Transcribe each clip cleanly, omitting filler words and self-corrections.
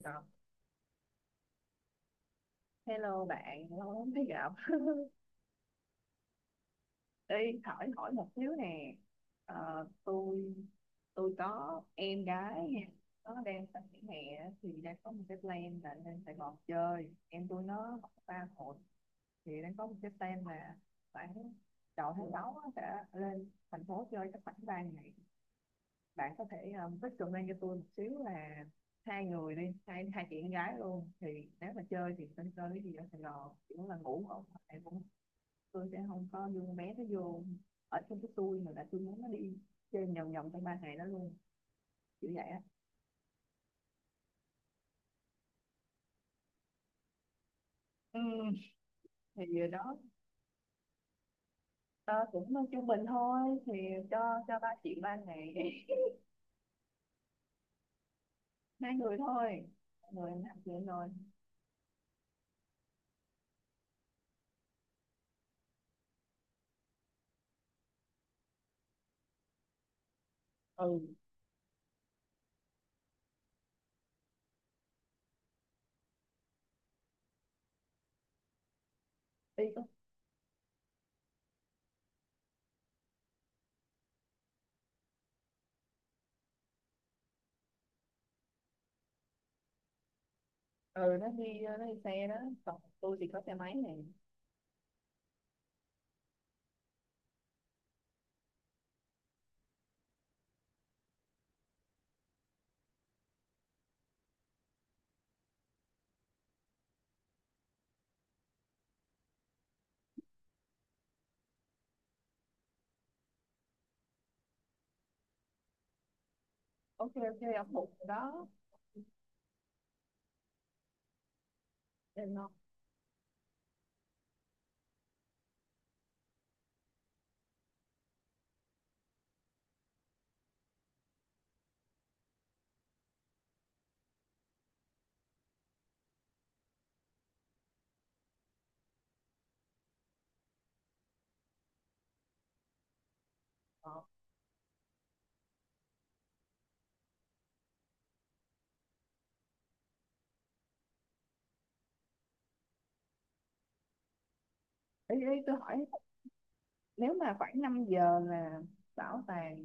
Đó. Hello bạn, lâu lắm mới gặp. Đi hỏi hỏi một xíu nè. Ờ, tôi tôi có em gái, nó đang sắp nghỉ hè thì đang có một cái plan là lên Sài Gòn chơi. Em tôi nó học ba hội, thì đang có một cái plan là khoảng đầu tháng 6 á, sẽ lên thành phố chơi chắc khoảng 3 ngày. Bạn có thể recommend cho tôi một xíu là hai người đi, hai hai chị em gái luôn thì nếu mà chơi thì nên chơi cái gì ở Sài Gòn, chỉ muốn là ngủ không? Em cũng tôi sẽ không có dùng bé nó vô ở trong cái tôi, mà là tôi muốn nó đi chơi vòng vòng trong ba ngày đó luôn, kiểu vậy á. Ừ, thì vừa đó. Ờ, Cũng trung bình thôi thì cho cho ba chị ba ngày hai người thôi, người em làm chuyện rồi. Ừ, đi có. Ừ, nó đi xe đó, còn tôi thì có xe máy này. Ok ok, ông bụng rồi đó. Em ngon. Ờ. Ý tôi hỏi nếu mà khoảng 5 giờ là bảo tàng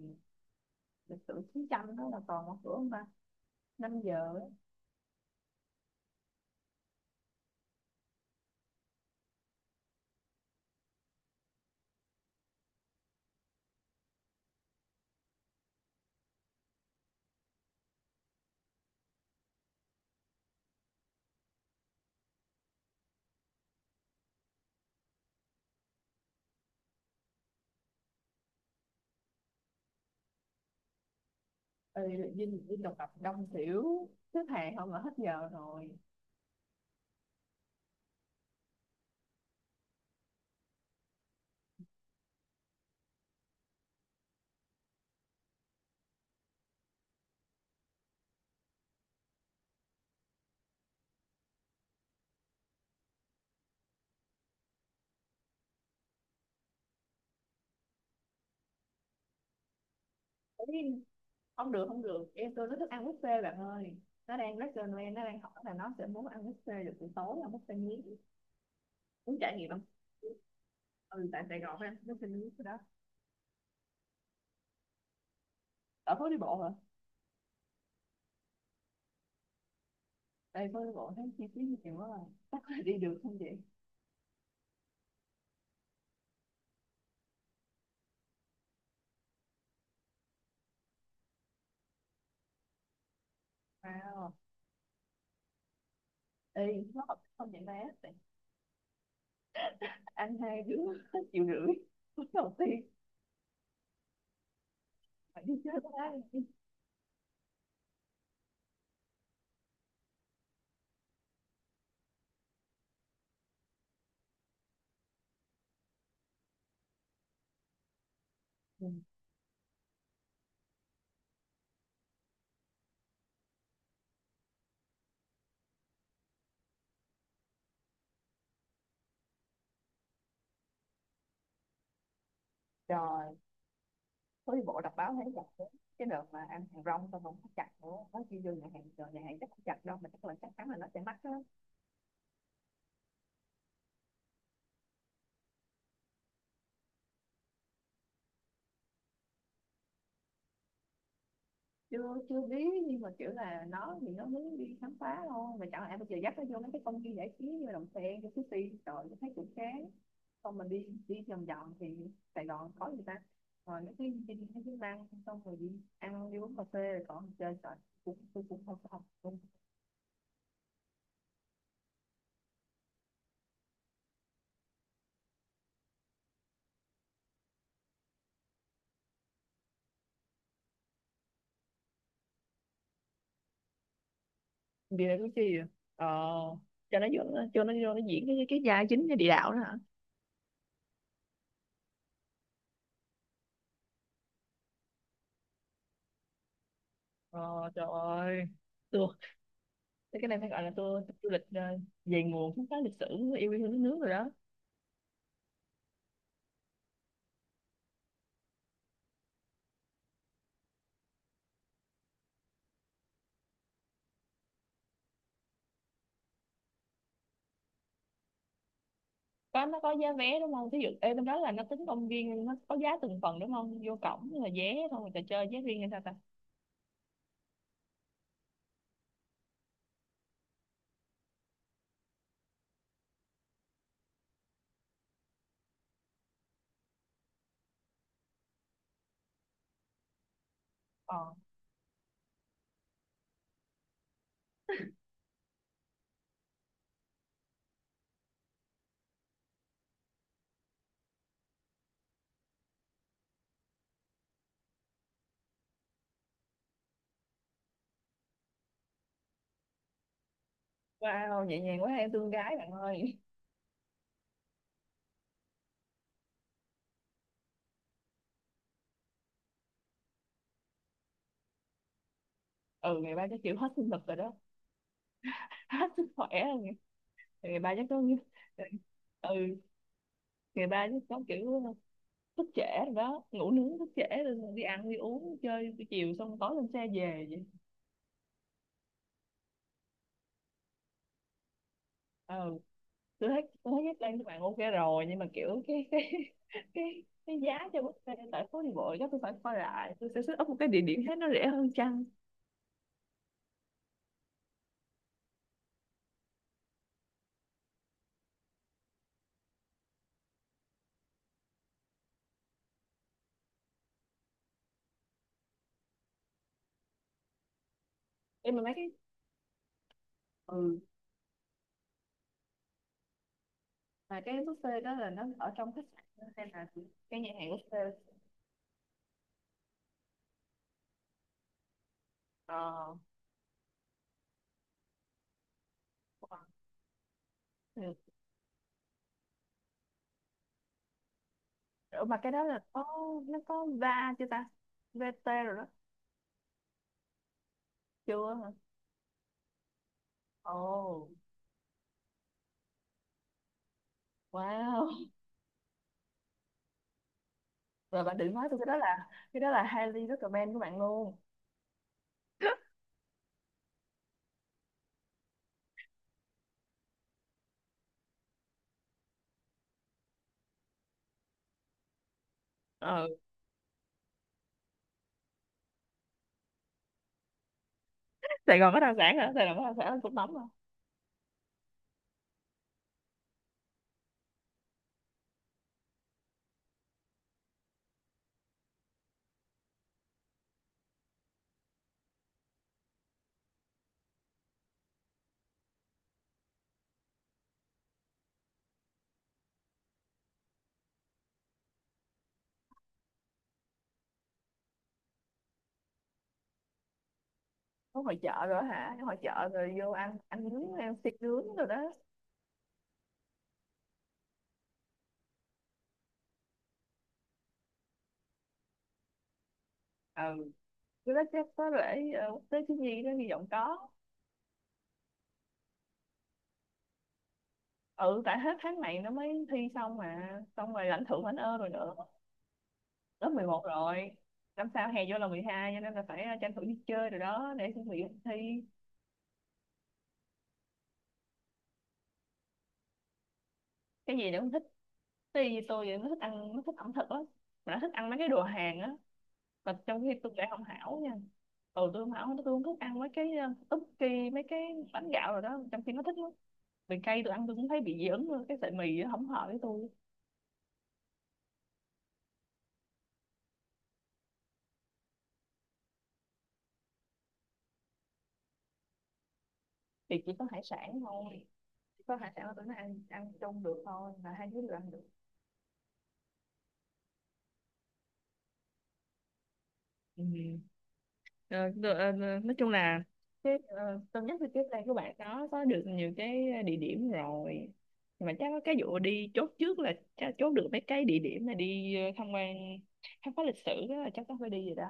lịch sử chiến tranh đó là còn mở cửa không ta? 5 giờ. Ừ, Vinh Vinh độc lập đông xỉu, xếp hàng không là hết giờ rồi. Ý, không được không được, em tôi nó thích ăn buffet bạn ơi, nó đang rất là Noel, nó đang hỏi là nó sẽ muốn ăn buffet được buổi tối ăn buffet miếng, muốn trải nghiệm không. Ừ, tại Sài Gòn phải ăn buffet miếng cái đó. Ở phố đi bộ hả? Đây phố đi bộ thấy chi phí nhiều quá rồi, chắc là đi được không vậy? Wow. Ê, nó hợp lý không vậy bé? Tại ăn hai đứa hết triệu rưỡi. Cuối đầu tiên phải đi chơi với ai. Ừ. Trời, phố đi bộ đọc báo thấy chặt đấy. Cái đợt mà ăn hàng rong tao không có chặt nữa, nói chi vô nhà hàng, rồi nhà hàng chắc không chặt đâu, mà chắc là chắc chắn là nó sẽ mắc á. Chưa chưa biết, nhưng mà kiểu là nó thì nó muốn đi khám phá thôi, mà chẳng lẽ bây giờ dắt nó vô mấy cái công viên giải trí như Đầm Sen cái Sushi rồi thấy cũng chán. Xong mình đi đi vòng vòng thì Sài Gòn có gì ta, rồi mấy cái đi mấy cái năng xong rồi đi ăn đi uống cà phê rồi còn chơi rồi cũng tôi cũng không không không. Vì là cái chi vậy? Ờ, cho nó vô, cho nó vô nó diễn cái gia chính cái địa đạo đó hả? Ờ, trời ơi tôi thế cái này phải gọi là tour du lịch về nguồn khám phá lịch sử yêu quê hương đất nước rồi đó. Có nó có giá vé đúng không, thí dụ ê bên đó là nó tính công viên nó có giá từng phần đúng không, vô cổng là vé xong rồi trò chơi giá riêng hay sao ta? Ờ, wow nhẹ nhàng quá em thương gái bạn ơi. Ừ, ngày ba chắc chịu hết sinh lực rồi đó. Hết sức khỏe rồi ngày, ngày ba chắc có. Ừ, ngày ba chắc có kiểu thức trễ rồi đó, ngủ nướng thức trễ rồi đi ăn đi uống chơi buổi chiều xong tối lên xe về vậy. Ừ, tôi thấy Jack Lang các bạn ok rồi, nhưng mà kiểu cái cái giá cho buffet tại phố đi bộ chắc tôi phải coi lại, tôi sẽ set up một cái địa điểm khác nó rẻ hơn chăng. Nhưng mà mấy cái ừ, mà cái buffet đó là nó ở trong khách sạn hay là cái nhà hàng buffet? ờ ừ. Ủa mà cái đó là có nó có va chưa ta? VT rồi đó. Chưa hả? Ồ. Wow. Rồi bạn đừng nói tôi cái đó là highly recommend của bạn luôn. Ừ, Sài Gòn có đặc sản hả? Sài Gòn có đặc sản là cũng nóng mà. Có hội chợ rồi hả? Cái hội chợ rồi vô ăn ăn nướng ăn xiên nướng rồi đó. Ừ, cái đó chắc có lễ quốc tế thiếu nhi đó, hy vọng có. Ừ, tại hết tháng này nó mới thi xong mà, xong rồi lãnh thưởng lãnh ơn rồi nữa. Lớp 11 rồi, năm sau hè vô là 12, cho nên là phải tranh thủ đi chơi rồi đó để chuẩn bị thi. Cái gì nó cũng thích, tuy tôi thì nó thích ăn, nó thích ẩm thực lắm, mà nó thích ăn mấy cái đồ Hàn á, mà trong khi tôi lại không hảo nha. Ừ, tôi không hảo, tôi không thích ăn mấy cái ức kỳ mấy cái bánh gạo rồi đó, trong khi nó thích lắm. Vì cay tôi ăn tôi cũng thấy bị dị ứng luôn, cái sợi mì nó không hợp với tôi. Thì chỉ có hải sản thôi, chỉ có hải sản là tôi nó ăn ăn chung được thôi, là hai đứa đều ăn được. Ừ. Ờ, được, ờ, ờ, nói chung là cái tôi nhắc thì tiếp đây các bạn có được nhiều cái địa điểm rồi. Nhưng mà chắc có cái vụ đi chốt trước là chắc chốt được mấy cái địa điểm mà đi tham quan khám phá lịch sử đó, là chắc có phải đi rồi đó.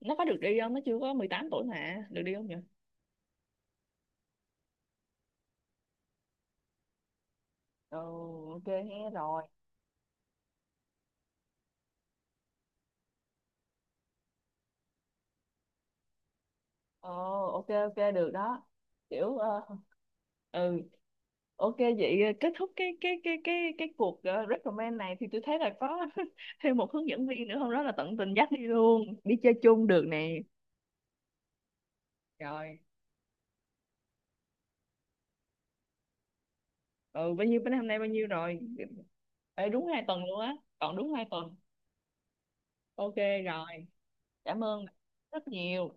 Nó có được đi không, nó chưa có 18 tuổi mà được đi không nhỉ? Ồ, ok nghe rồi. Ồ, ok ok được đó, kiểu ừ ok vậy kết thúc cái cuộc recommend này thì tôi thấy là có thêm một hướng dẫn viên nữa không đó, là tận tình dắt đi luôn, đi chơi chung được nè. Rồi, ừ, bao nhiêu bên hôm nay bao nhiêu rồi. Ê, đúng 2 tuần luôn á, còn đúng 2 tuần. Ok rồi, cảm ơn rất nhiều.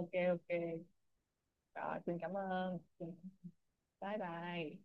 Ok ok. Rồi xin cảm ơn. Ừ, bye bye.